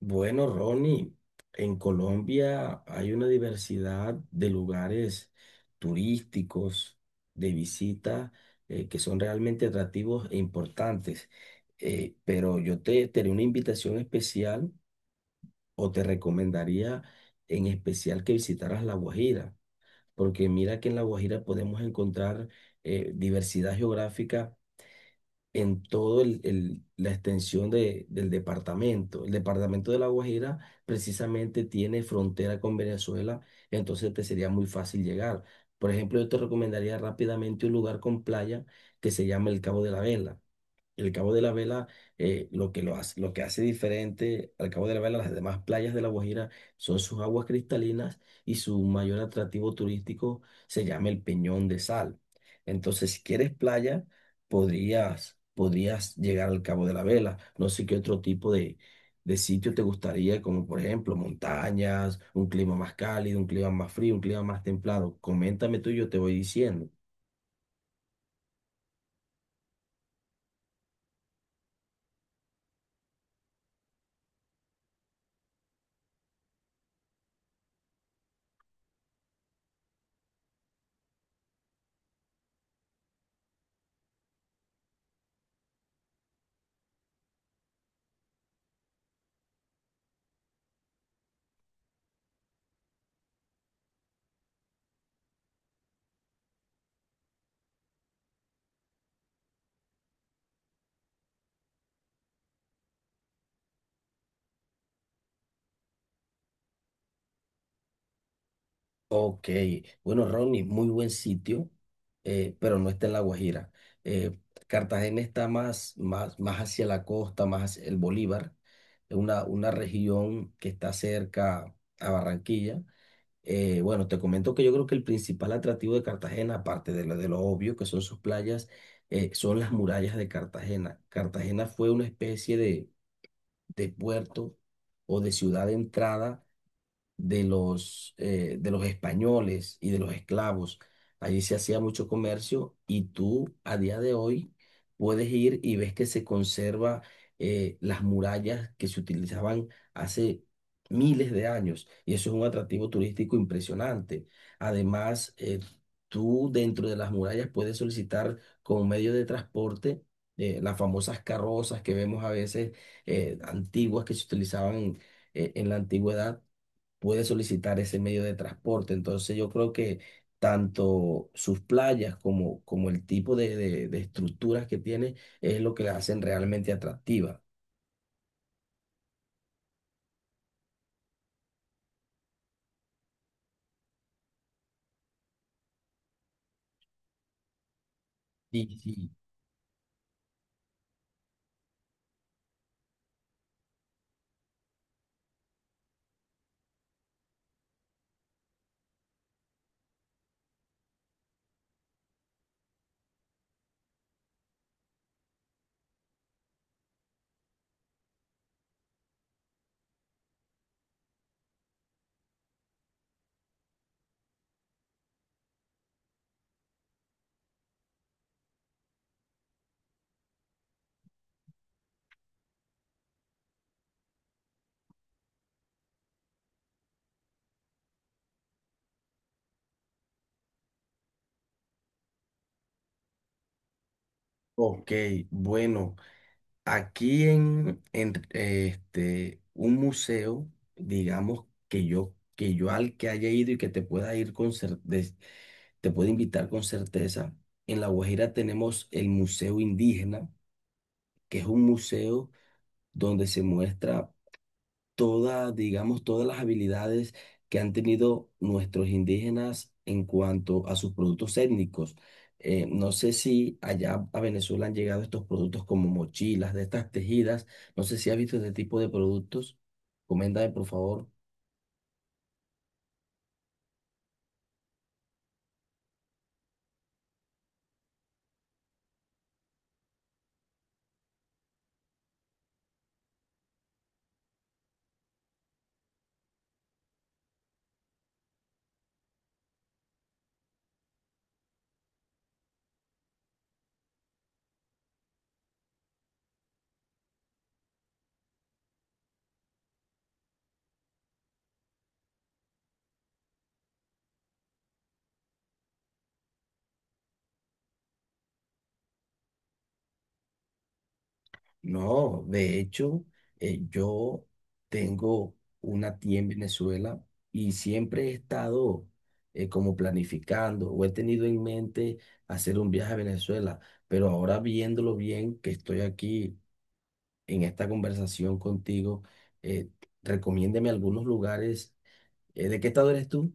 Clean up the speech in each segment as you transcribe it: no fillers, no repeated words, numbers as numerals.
Bueno, Ronnie, en Colombia hay una diversidad de lugares turísticos, de visita, que son realmente atractivos e importantes. Pero yo te haré una invitación especial o te recomendaría en especial que visitaras La Guajira, porque mira que en La Guajira podemos encontrar diversidad geográfica en la extensión del departamento. El departamento de La Guajira precisamente tiene frontera con Venezuela, entonces te sería muy fácil llegar. Por ejemplo, yo te recomendaría rápidamente un lugar con playa que se llama el Cabo de la Vela. El Cabo de la Vela, lo que lo hace, lo que hace diferente al Cabo de la Vela, las demás playas de La Guajira, son sus aguas cristalinas y su mayor atractivo turístico se llama el Peñón de Sal. Entonces, si quieres playa, podrías llegar al Cabo de la Vela. No sé qué otro tipo de sitio te gustaría, como por ejemplo montañas, un clima más cálido, un clima más frío, un clima más templado. Coméntame tú y yo te voy diciendo. Ok, bueno, Ronnie, muy buen sitio, pero no está en La Guajira. Eh, Cartagena está más, más, más hacia la costa, más hacia el Bolívar, es una región que está cerca a Barranquilla. Bueno, te comento que yo creo que el principal atractivo de Cartagena, aparte de lo obvio que son sus playas, son las murallas de Cartagena. Cartagena fue una especie de puerto o de ciudad de entrada de los españoles y de los esclavos. Allí se hacía mucho comercio y tú a día de hoy puedes ir y ves que se conserva las murallas que se utilizaban hace miles de años y eso es un atractivo turístico impresionante. Además, tú dentro de las murallas puedes solicitar como medio de transporte las famosas carrozas que vemos a veces antiguas que se utilizaban en la antigüedad, puede solicitar ese medio de transporte. Entonces yo creo que tanto sus playas como, como el tipo de, de estructuras que tiene es lo que la hacen realmente atractiva. Sí, sí. Ok, bueno, aquí un museo, digamos que yo al que haya ido y que te pueda ir con cer- des- te puedo invitar con certeza. En La Guajira tenemos el Museo Indígena, que es un museo donde se muestra todas, digamos, todas las habilidades que han tenido nuestros indígenas en cuanto a sus productos étnicos. No sé si allá a Venezuela han llegado estos productos como mochilas, de estas tejidas. No sé si has visto este tipo de productos. Coméntame, por favor. No, de hecho, yo tengo una tía en Venezuela y siempre he estado como planificando o he tenido en mente hacer un viaje a Venezuela, pero ahora viéndolo bien, que estoy aquí en esta conversación contigo, eh, recomiéndeme algunos lugares. ¿De qué estado eres tú?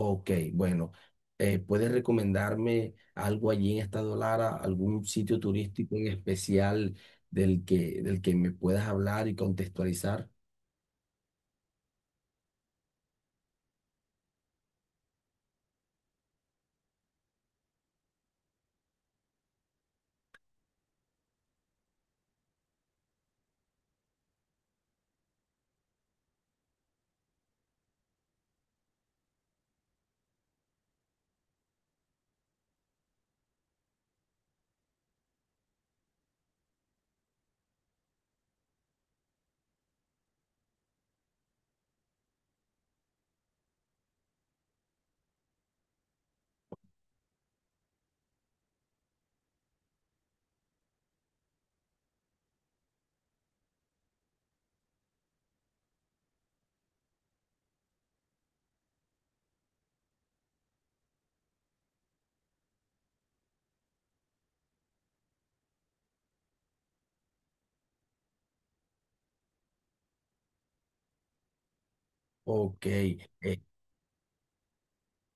Ok, bueno, ¿puedes recomendarme algo allí en Estado Lara, algún sitio turístico en especial del que me puedas hablar y contextualizar? Ok,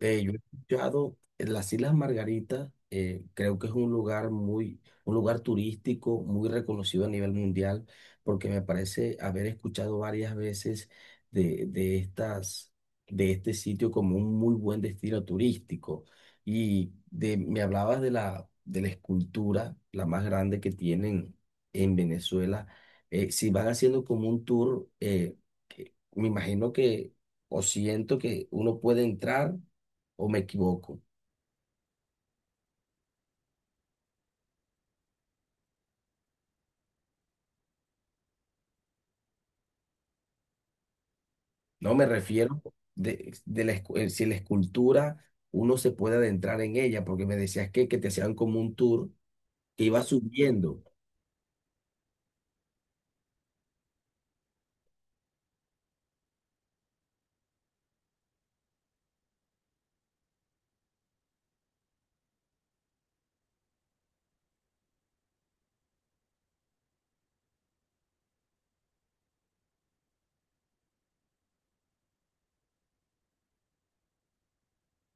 Yo he escuchado en las Islas Margaritas, creo que es un lugar muy, un lugar turístico muy reconocido a nivel mundial, porque me parece haber escuchado varias veces de estas, de este sitio como un muy buen destino turístico. Y de, me hablabas de la escultura, la más grande que tienen en Venezuela. Si van haciendo como un tour, que me imagino que, o siento que uno puede entrar o me equivoco. No me refiero de la, si la escultura uno se puede adentrar en ella, porque me decías que te hacían como un tour que iba subiendo.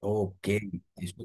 Ok, eso,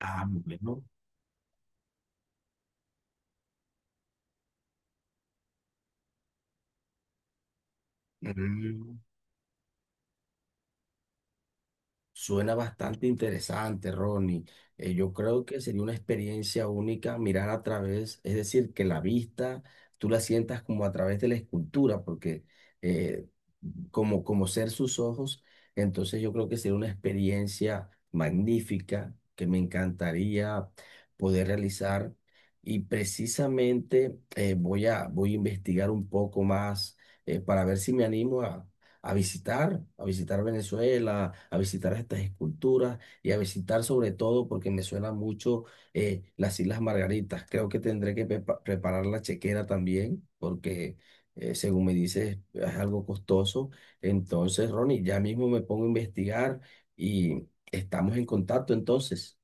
ah, bueno, suena bastante interesante, Ronnie. Yo creo que sería una experiencia única mirar a través, es decir, que la vista tú la sientas como a través de la escultura, porque eh, como, como ser sus ojos, entonces yo creo que sería una experiencia magnífica que me encantaría poder realizar. Y precisamente voy a investigar un poco más para ver si me animo a visitar Venezuela, a visitar estas esculturas y a visitar sobre todo, porque me suena mucho las Islas Margaritas. Creo que tendré que preparar la chequera también, porque según me dices es algo costoso. Entonces, Ronnie, ya mismo me pongo a investigar y estamos en contacto entonces.